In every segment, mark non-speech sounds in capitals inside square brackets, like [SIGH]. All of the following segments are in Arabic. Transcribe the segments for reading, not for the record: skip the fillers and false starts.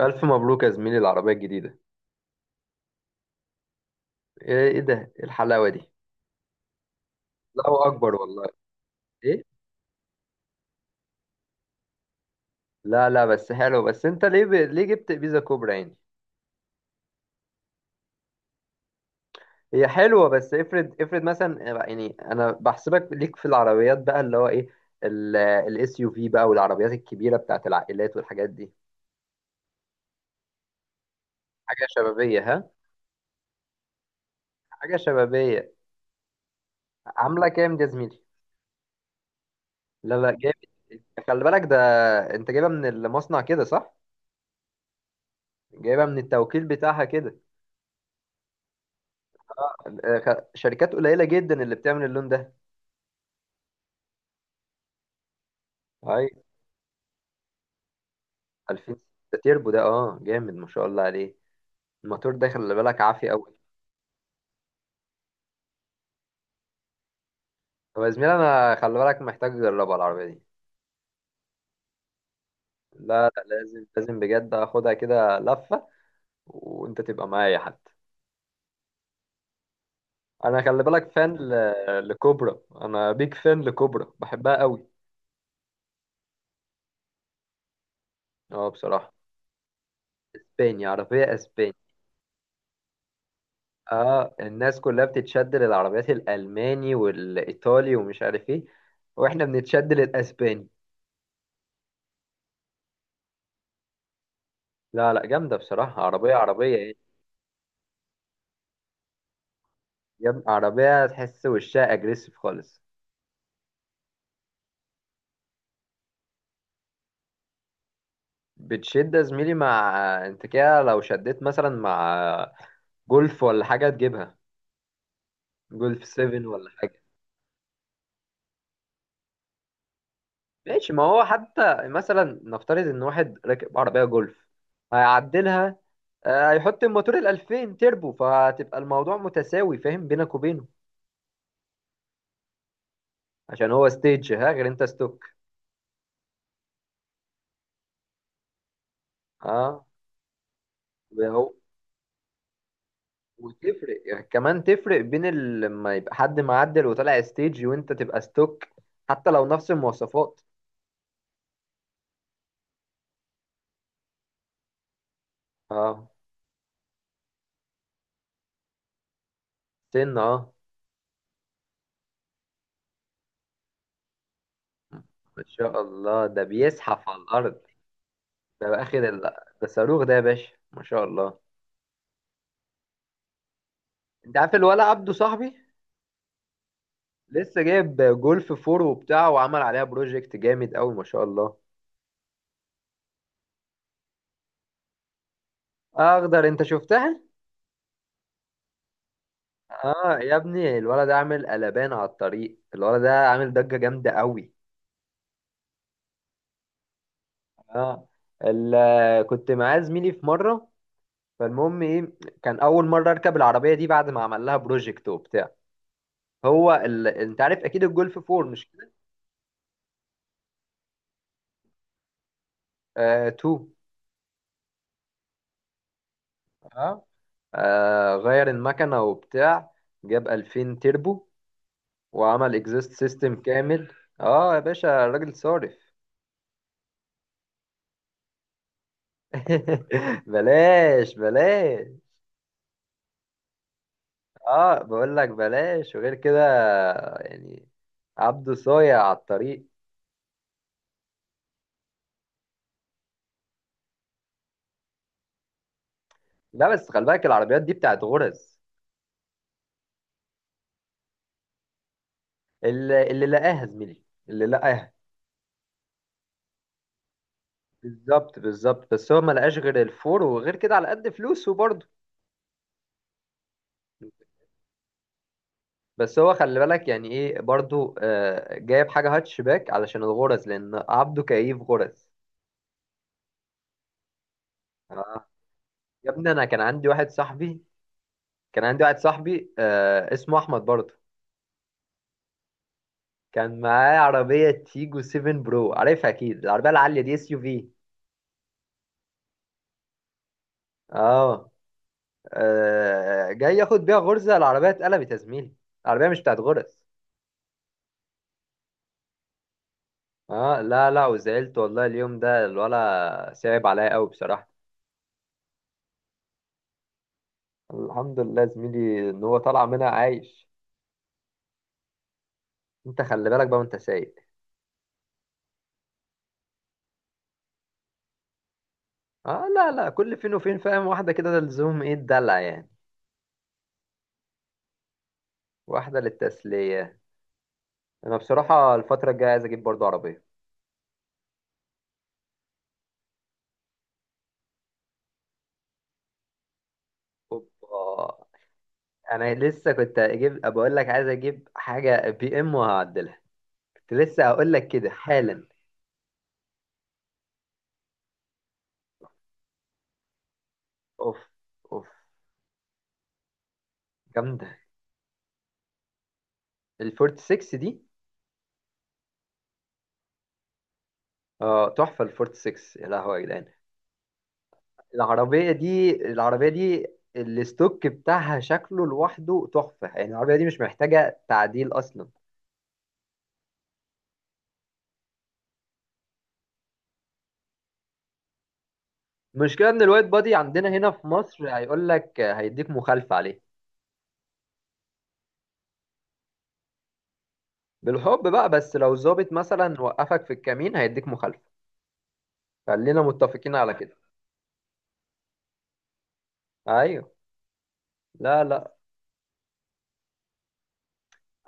ألف مبروك يا زميلي العربية الجديدة. إيه ده، إيه الحلاوة دي؟ لا وأكبر والله. إيه؟ لا لا، بس حلو. بس أنت ليه ليه جبت بيزا كوبرا يعني؟ هي حلوة، بس افرض مثلا، يعني أنا بحسبك ليك في العربيات بقى اللي هو إيه، الاس يو في بقى والعربيات الكبيرة بتاعت العائلات والحاجات دي. حاجة شبابية، ها. حاجة شبابية. عاملة كام دي يا زميلي؟ لا لا جامد. خلي بالك ده. أنت جايبها من المصنع كده صح؟ جايبها من التوكيل بتاعها كده. آه، شركات قليلة جدا اللي بتعمل اللون ده. اي. 2000. ده تيربو ده، اه جامد ما شاء الله عليه. الموتور ده خلي بالك عافي قوي. طب يا زميلي انا خلي بالك محتاج اجربها العربيه دي. لا لا، لازم لازم بجد اخدها كده لفه. وانت تبقى معايا حتى. انا خلي بالك فان لكوبرا، انا بيك فان لكوبرا، بحبها قوي. اه بصراحه. اسباني، عربيه اسباني. اه الناس كلها بتتشد للعربيات الالماني والايطالي ومش عارف ايه، واحنا بنتشد للاسباني. لا لا جامده بصراحه، عربيه عربيه إيه؟ يا ابني عربية تحس وشها اجريسيف خالص. بتشد يا زميلي مع، انت كده لو شديت مثلا مع جولف ولا حاجة تجيبها. جولف 7 ولا حاجة. ماشي، ما هو حتى مثلا نفترض ان واحد راكب عربية جولف، هيعدلها، آه، هيحط الموتور ال 2000 تيربو، فهتبقى الموضوع متساوي فاهم بينك وبينه. عشان هو ستيج، ها، غير انت ستوك. اه وتفرق يعني كمان تفرق بين ال- لما يبقى حد معدل وطالع ستيج وانت تبقى ستوك حتى لو نفس المواصفات اه. سن، اه. ما شاء الله ده بيزحف على الارض. ده بقى اخد ده صاروخ ده يا باشا ما شاء الله. انت عارف الولا عبده صاحبي؟ لسه جايب جولف فور وبتاع وعمل عليها بروجكت جامد قوي ما شاء الله. اخضر، انت شفتها؟ اه يا ابني الولد ده عامل قلبان على الطريق، الولد ده عامل ضجة جامدة قوي. اه. ال... كنت معاه زميلي في مره، فالمهم ايه، كان اول مره اركب العربيه دي بعد ما عمل لها بروجكت وبتاع. هو انت عارف اكيد الجولف 4 مش كده. آه 2. اه. آه غير المكنه وبتاع، جاب 2000 تيربو وعمل اكزيست سيستم كامل. اه يا باشا الراجل صارف. [LAUGHS] بلاش بلاش. اه بقول لك بلاش، وغير كده يعني عبده صايع على الطريق. لا بس خلي بالك العربيات دي بتاعت غرز. اللي لقاها زميلي، اللي لقاها. بالظبط بالظبط، بس هو ما لقاش غير الفور، وغير كده على قد فلوسه برضه. بس هو خلي بالك يعني ايه برضه، آه جايب حاجة هاتشباك علشان الغرز، لأن عبده كيف غرز. آه. يا ابني أنا كان عندي واحد صاحبي، كان عندي واحد صاحبي، آه، اسمه أحمد برضه. كان معاه عربية تيجو 7 برو، عارفها أكيد، العربية العالية دي، اس يو في. اه. آه، جاي ياخد بيها غرزة، العربية اتقلبت يا زميلي. العربية مش بتاعت غرز. اه لا لا، وزعلت والله، اليوم ده الولا صعب عليا قوي بصراحة. الحمد لله يا زميلي ان هو طالع منها عايش. انت خلي بالك بقى وانت سايق. اه لا لا، كل فين وفين فاهم، واحدة كده، ده لزوم ايه الدلع يعني. واحدة للتسلية. انا بصراحة الفترة الجاية عايز اجيب برضه عربية. اوبا. انا لسه كنت اجيب بقول لك عايز اجيب حاجة بي ام وهعدلها. كنت لسه هقول لك كده حالا. اوف، اوف، جامدة الفورت 6 دي. اه تحفة الفورت 6، يا لهوي يا جدعان. العربية دي، العربية دي الستوك بتاعها شكله لوحده تحفة، يعني العربية دي مش محتاجة تعديل أصلا. المشكلة إن الوايت بادي عندنا هنا في مصر هيقول لك هيديك مخالفة عليه. بالحب بقى، بس لو ظابط مثلا وقفك في الكمين هيديك مخالفة. خلينا متفقين على كده. أيوه. لا لا.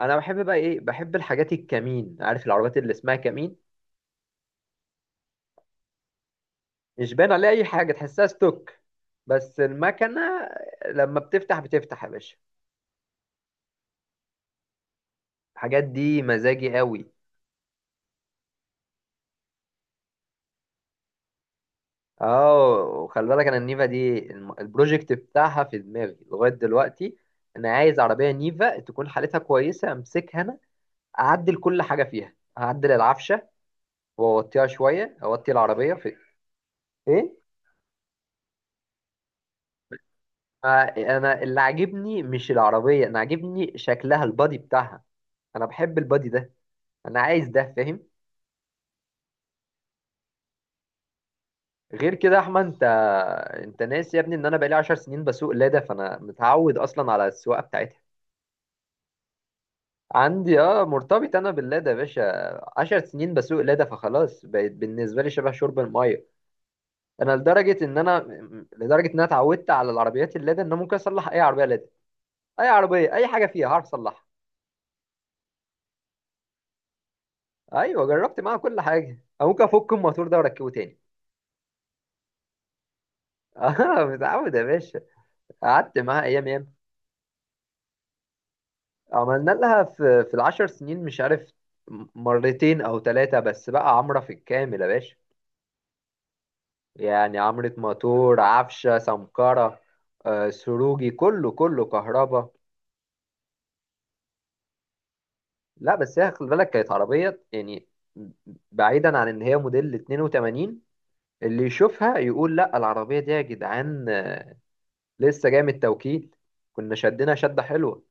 أنا بحب بقى إيه، بحب الحاجات الكمين، عارف العربيات اللي اسمها كمين؟ مش باين عليها اي حاجه، تحسها ستوك. بس المكنه لما بتفتح بتفتح يا باشا. الحاجات دي مزاجي قوي. اه. وخلي بالك انا النيفا دي البروجكت بتاعها في دماغي لغايه دلوقتي. انا عايز عربيه نيفا تكون حالتها كويسه امسكها انا، اعدل كل حاجه فيها، اعدل العفشه، واوطيها شويه، اوطي العربيه في. ايه. آه، انا اللي عاجبني مش العربيه، انا عاجبني شكلها، البادي بتاعها. انا بحب البادي ده، انا عايز ده فاهم. غير كده يا احمد انت، انت ناسي يا ابني ان انا بقالي 10 سنين بسوق لادا، فانا متعود اصلا على السواقه بتاعتها. عندي اه، مرتبط انا باللادا يا باشا. 10 سنين بسوق لادا، فخلاص بقت بالنسبه لي شبه شرب الميه. انا لدرجه ان لدرجه ان انا اتعودت على العربيات اللادا ان انا ممكن اصلح اي عربيه لادا. اي عربيه، اي حاجه فيها هعرف اصلحها. ايوه جربت معاها كل حاجه، أو ممكن افك الموتور ده واركبه تاني. [LAUGHS] اه متعود يا باشا، قعدت معاها ايام ياما. عملنا لها في العشر سنين، مش عارف، مرتين او ثلاثة بس بقى عمرة في الكامل يا باشا. يعني عمرة موتور، عفشة، سمكرة، آه، سروجي، كله كله، كهرباء. لا بس هي خلي بالك كانت عربية يعني، بعيدا عن ان هي موديل 82، اللي يشوفها يقول لا العربية دي يا جدعان، آه، لسه جاية من التوكيل. كنا شدنا شدة حلوة.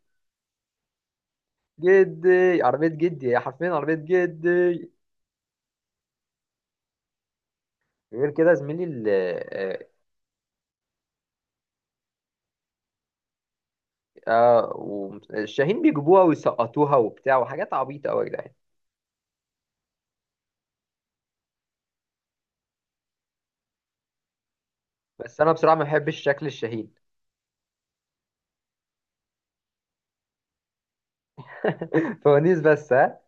جدي، عربية جدي، هي حرفيا عربية جدي. غير كده يا زميلي آه. اه والشاهين بيجيبوها ويسقطوها وبتاع وحاجات عبيطة أوي يا جدعان. بس أنا بصراحة ما بحبش شكل الشاهين. [LAUGHS] فوانيس بس، ها.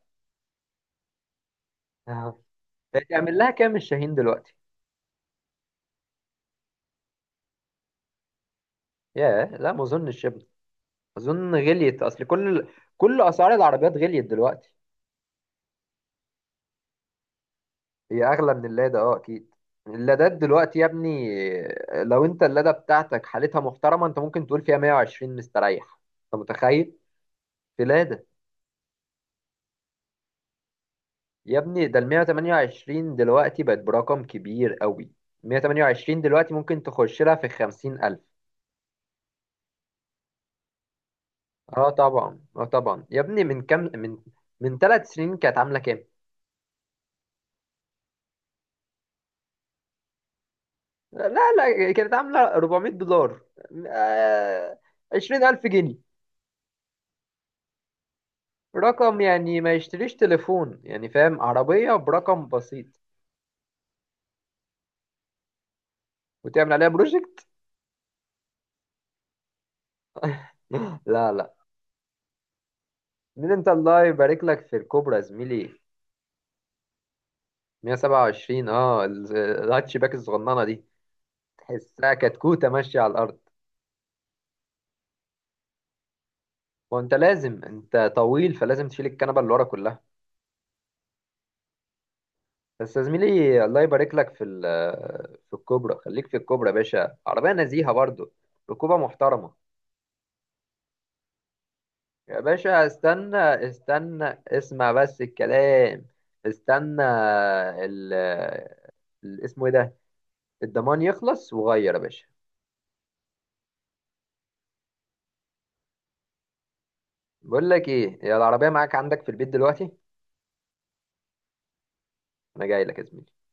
آه. تعمل لها كام الشاهين دلوقتي؟ ياه، لا ما أظنش يا ابني. أظن غليت، أصل كل، كل أسعار العربيات غليت دلوقتي. هي أغلى من اللادا، أه أكيد. اللادات دلوقتي يا ابني، لو أنت اللادا بتاعتك حالتها محترمة أنت ممكن تقول فيها 120 مستريح. أنت متخيل؟ في لادا. يا ابني ده ال 128 دلوقتي بقت برقم كبير قوي. 128 دلوقتي ممكن تخش لها في 50,000. اه طبعا اه طبعا، يا ابني من كام، من من ثلاث سنين كانت عاملة كام؟ لا لا، كانت عاملة 400 دولار، آه، 20,000 جنيه. رقم يعني ما يشتريش تليفون، يعني فاهم، عربية برقم بسيط. وتعمل عليها بروجكت. [GASPS] [LAUGHS] لا لا. مين انت، الله يبارك لك في الكوبرا زميلي. 127، اه الهاتشباك الصغننة دي تحسها كتكوتة ماشية على الأرض. وأنت لازم، أنت طويل فلازم تشيل الكنبة اللي ورا كلها. بس يا زميلي الله يبارك لك في في الكوبرا، خليك في الكوبرا يا باشا، عربية نزيهة برضو، ركوبة محترمة. يا باشا استنى استنى اسمع بس الكلام. استنى ال اسمه ايه ده، الضمان يخلص وغير يا باشا. بقول لك ايه، يا العربية معاك عندك في البيت دلوقتي؟ انا جاي لك يا زميلي.